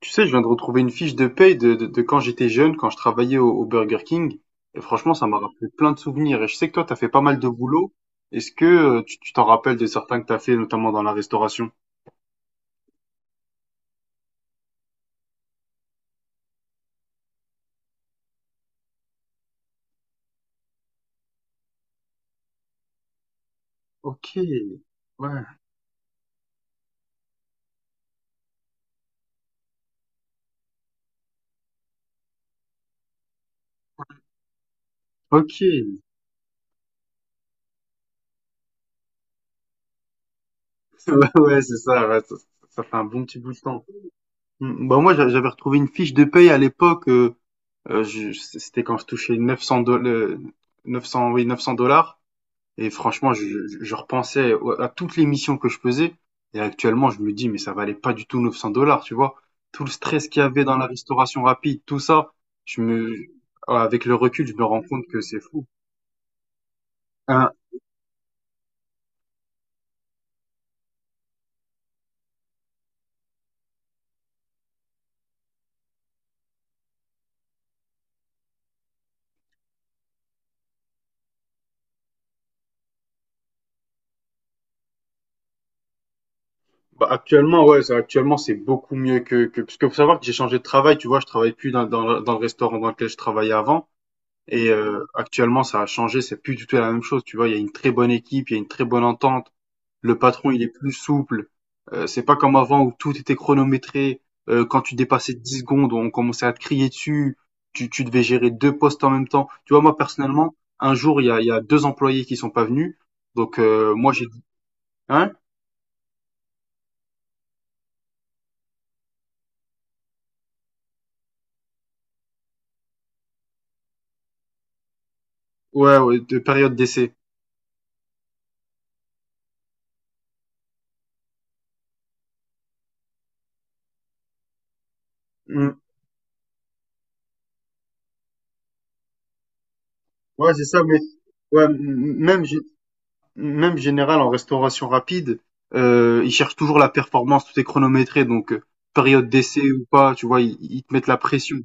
Tu sais, je viens de retrouver une fiche de paye de quand j'étais jeune, quand je travaillais au Burger King. Et franchement, ça m'a rappelé plein de souvenirs. Et je sais que toi, t'as fait pas mal de boulot. Est-ce que tu t'en rappelles de certains que t'as fait, notamment dans la restauration? Ok, ouais, ok. Ouais, ouais, c'est ça, ouais, ça fait un bon petit bout de temps. Bah moi, j'avais retrouvé une fiche de paye à l'époque. C'était quand je touchais 900 dollars, 900, oui, 900 dollars. Et franchement, je repensais à toutes les missions que je faisais. Et actuellement, je me dis, mais ça valait pas du tout 900 dollars, tu vois. Tout le stress qu'il y avait dans la restauration rapide, tout ça, je me, avec le recul, je me rends compte que c'est fou. Hein, bah, actuellement, ouais, ça, actuellement, c'est beaucoup mieux parce que faut savoir que j'ai changé de travail, tu vois, je travaille plus dans le restaurant dans lequel je travaillais avant. Et actuellement, ça a changé, c'est plus du tout la même chose, tu vois. Il y a une très bonne équipe, il y a une très bonne entente. Le patron, il est plus souple. C'est pas comme avant où tout était chronométré. Quand tu dépassais 10 secondes, on commençait à te crier dessus. Tu devais gérer deux postes en même temps. Tu vois, moi, personnellement, un jour, il y a deux employés qui sont pas venus. Donc, moi, j'ai dit, hein? Ouais, ouais, de période d'essai. Mm. Ouais, c'est ça, mais ouais, même, même général en restauration rapide, ils cherchent toujours la performance, tout est chronométré, donc période d'essai ou pas, tu vois, ils te mettent la pression.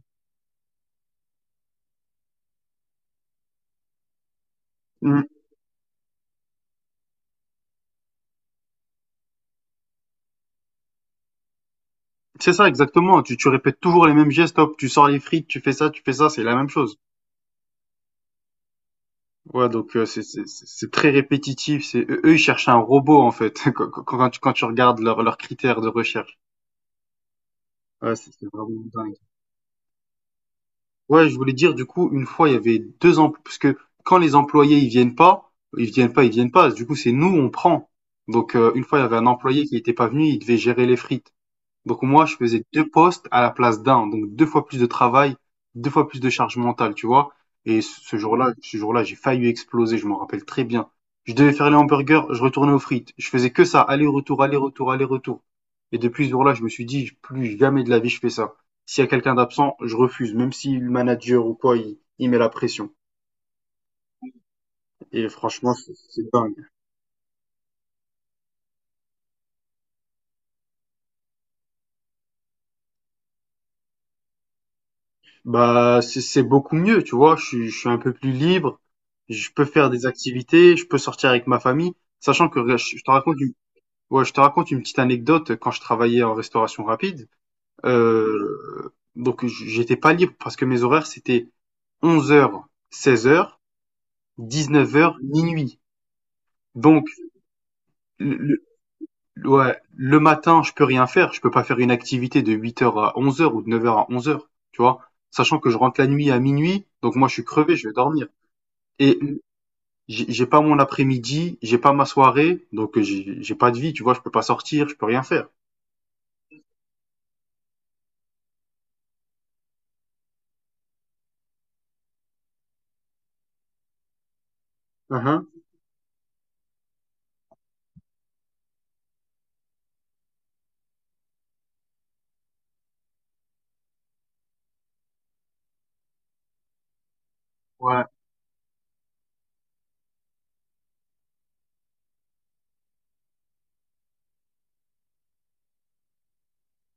C'est ça, exactement. Tu répètes toujours les mêmes gestes. Hop, tu sors les frites, tu fais ça, c'est la même chose. Ouais, donc c'est très répétitif. C'est eux, ils cherchent un robot en fait. Quand tu quand tu regardes leurs critères de recherche, ouais, c'est vraiment dingue. Ouais, je voulais dire du coup, une fois, il y avait deux emplois parce que quand les employés ils viennent pas, ils viennent pas, ils viennent pas. Du coup, c'est nous on prend. Donc une fois, il y avait un employé qui n'était pas venu, il devait gérer les frites. Donc moi, je faisais deux postes à la place d'un, donc deux fois plus de travail, deux fois plus de charge mentale, tu vois. Et ce jour-là, j'ai failli exploser, je m'en rappelle très bien. Je devais faire les hamburgers, je retournais aux frites. Je faisais que ça, aller-retour, aller-retour, aller-retour. Et depuis ce jour-là, je me suis dit, plus jamais de la vie, je fais ça. S'il y a quelqu'un d'absent, je refuse, même si le manager ou quoi, il met la pression. Et franchement, c'est dingue. Bah, c'est beaucoup mieux, tu vois. Je suis un peu plus libre. Je peux faire des activités. Je peux sortir avec ma famille. Sachant que regarde, je te raconte une, ouais, je te raconte une petite anecdote. Quand je travaillais en restauration rapide, euh, donc j'étais pas libre parce que mes horaires c'était 11 h, 16 h, 19 heures minuit. Donc, le, ouais, le matin, je peux rien faire. Je peux pas faire une activité de 8 heures à 11 heures ou de 9 heures à 11 heures, tu vois. Sachant que je rentre la nuit à minuit. Donc moi, je suis crevé, je vais dormir. Et j'ai pas mon après-midi, j'ai pas ma soirée, donc j'ai pas de vie, tu vois, je peux pas sortir, je peux rien faire. Uhum. Ouais,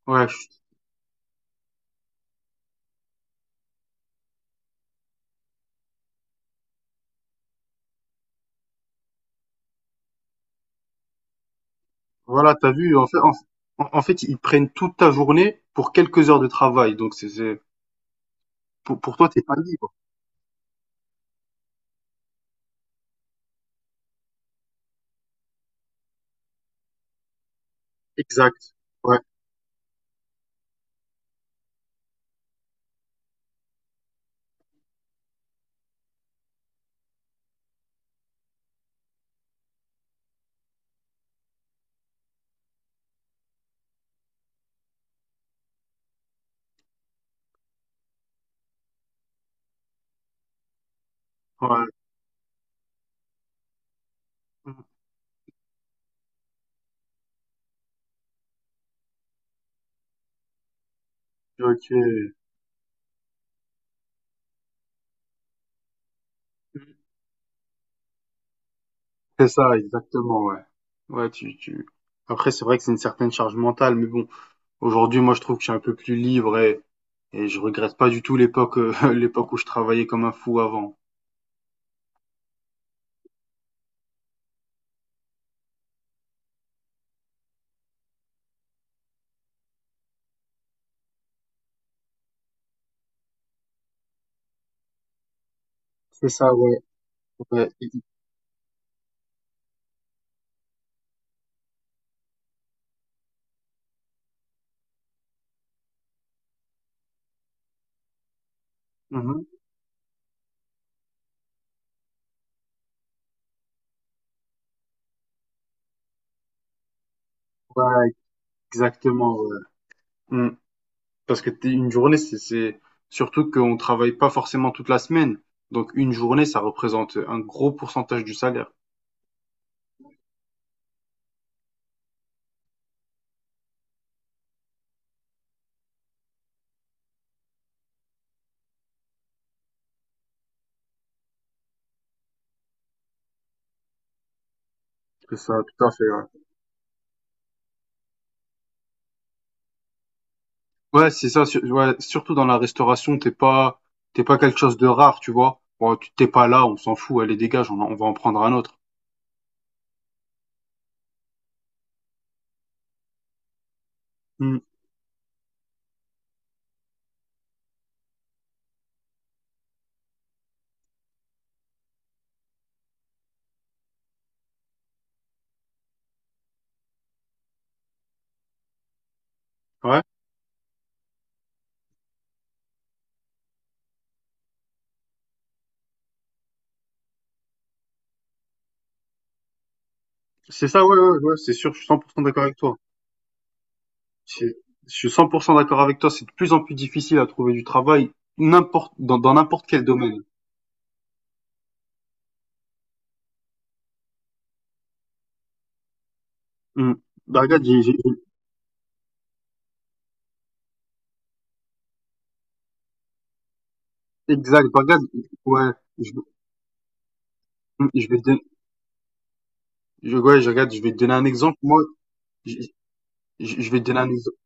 ouais, voilà, t'as vu, en fait, en fait, ils prennent toute ta journée pour quelques heures de travail, donc pour toi, t'es pas libre. Exact. Ouais, ouais. Ok. C'est ça, exactement, ouais. Ouais. Après, c'est vrai que c'est une certaine charge mentale, mais bon, aujourd'hui, moi, je trouve que je suis un peu plus libre et je regrette pas du tout l'époque, l'époque où je travaillais comme un fou avant. C'est ça, ouais. Ouais, mhm. Ouais, exactement. Ouais. Mm. Parce que une journée, surtout qu'on travaille pas forcément toute la semaine. Donc une journée, ça représente un gros pourcentage du salaire. C'est ça, tout à fait. Ouais, ouais, c'est ça. Ouais, surtout dans la restauration, t'es pas quelque chose de rare, tu vois. Bon, tu t'es pas là, on s'en fout. Allez, dégage, on va en prendre un autre. Mm. Ouais, c'est ça. Ouais, ouais, ouais. C'est sûr. Je suis 100% d'accord avec toi. C'est- Je suis 100% d'accord avec toi. C'est de plus en plus difficile à trouver du travail n'importe dans n'importe quel domaine. Mmh. Bah, regarde, exact. Bah, regarde, ouais, je, mmh, je vais te donner, ouais, je vais te donner un exemple. Moi, je, je vais te donner un exemple.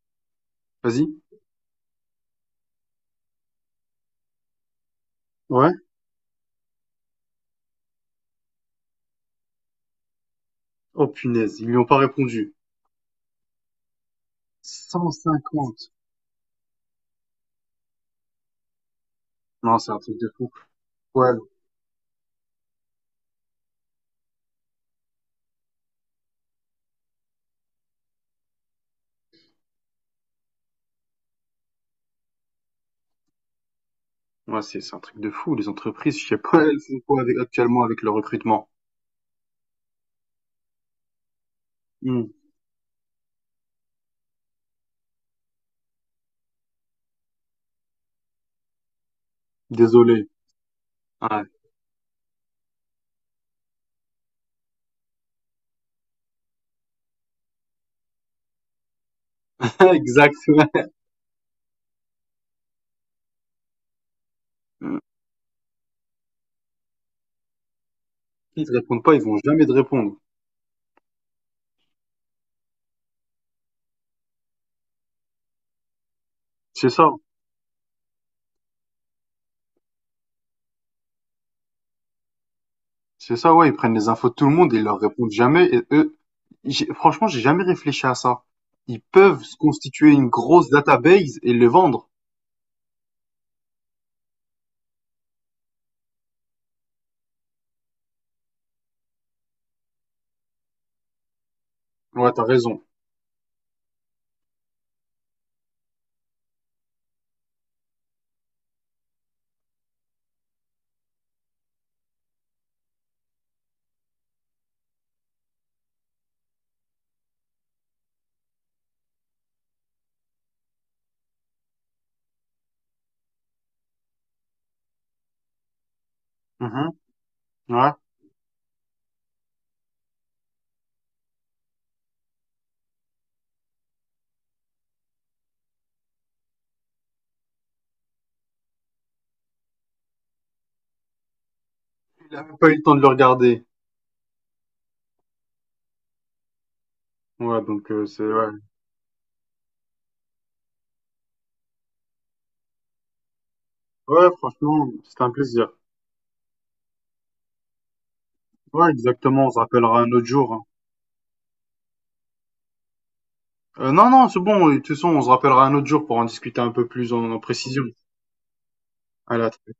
Vas-y. Ouais. Oh, punaise, ils lui ont pas répondu. 150. Non, c'est un truc de fou. Ouais. Ouais, c'est un truc de fou. Les entreprises, je sais pas, elles font quoi avec, actuellement avec le recrutement. Mmh. Désolé. Ouais. Exact. Ouais. Mmh. Ils te répondent pas, ils vont jamais te répondre. C'est ça. C'est ça, ouais, ils prennent les infos de tout le monde et ils leur répondent jamais. Et eux, franchement, j'ai jamais réfléchi à ça. Ils peuvent se constituer une grosse database et le vendre. Ouais, t'as raison. Mhm, ouais. Il a même pas eu le temps de le regarder. Ouais, donc c'est ouais. Ouais, franchement, c'était un plaisir. Ouais, exactement. On se rappellera un autre jour, hein. Non, non, c'est bon. De toute façon, on se rappellera un autre jour pour en discuter un peu plus en, précision. Allez, à très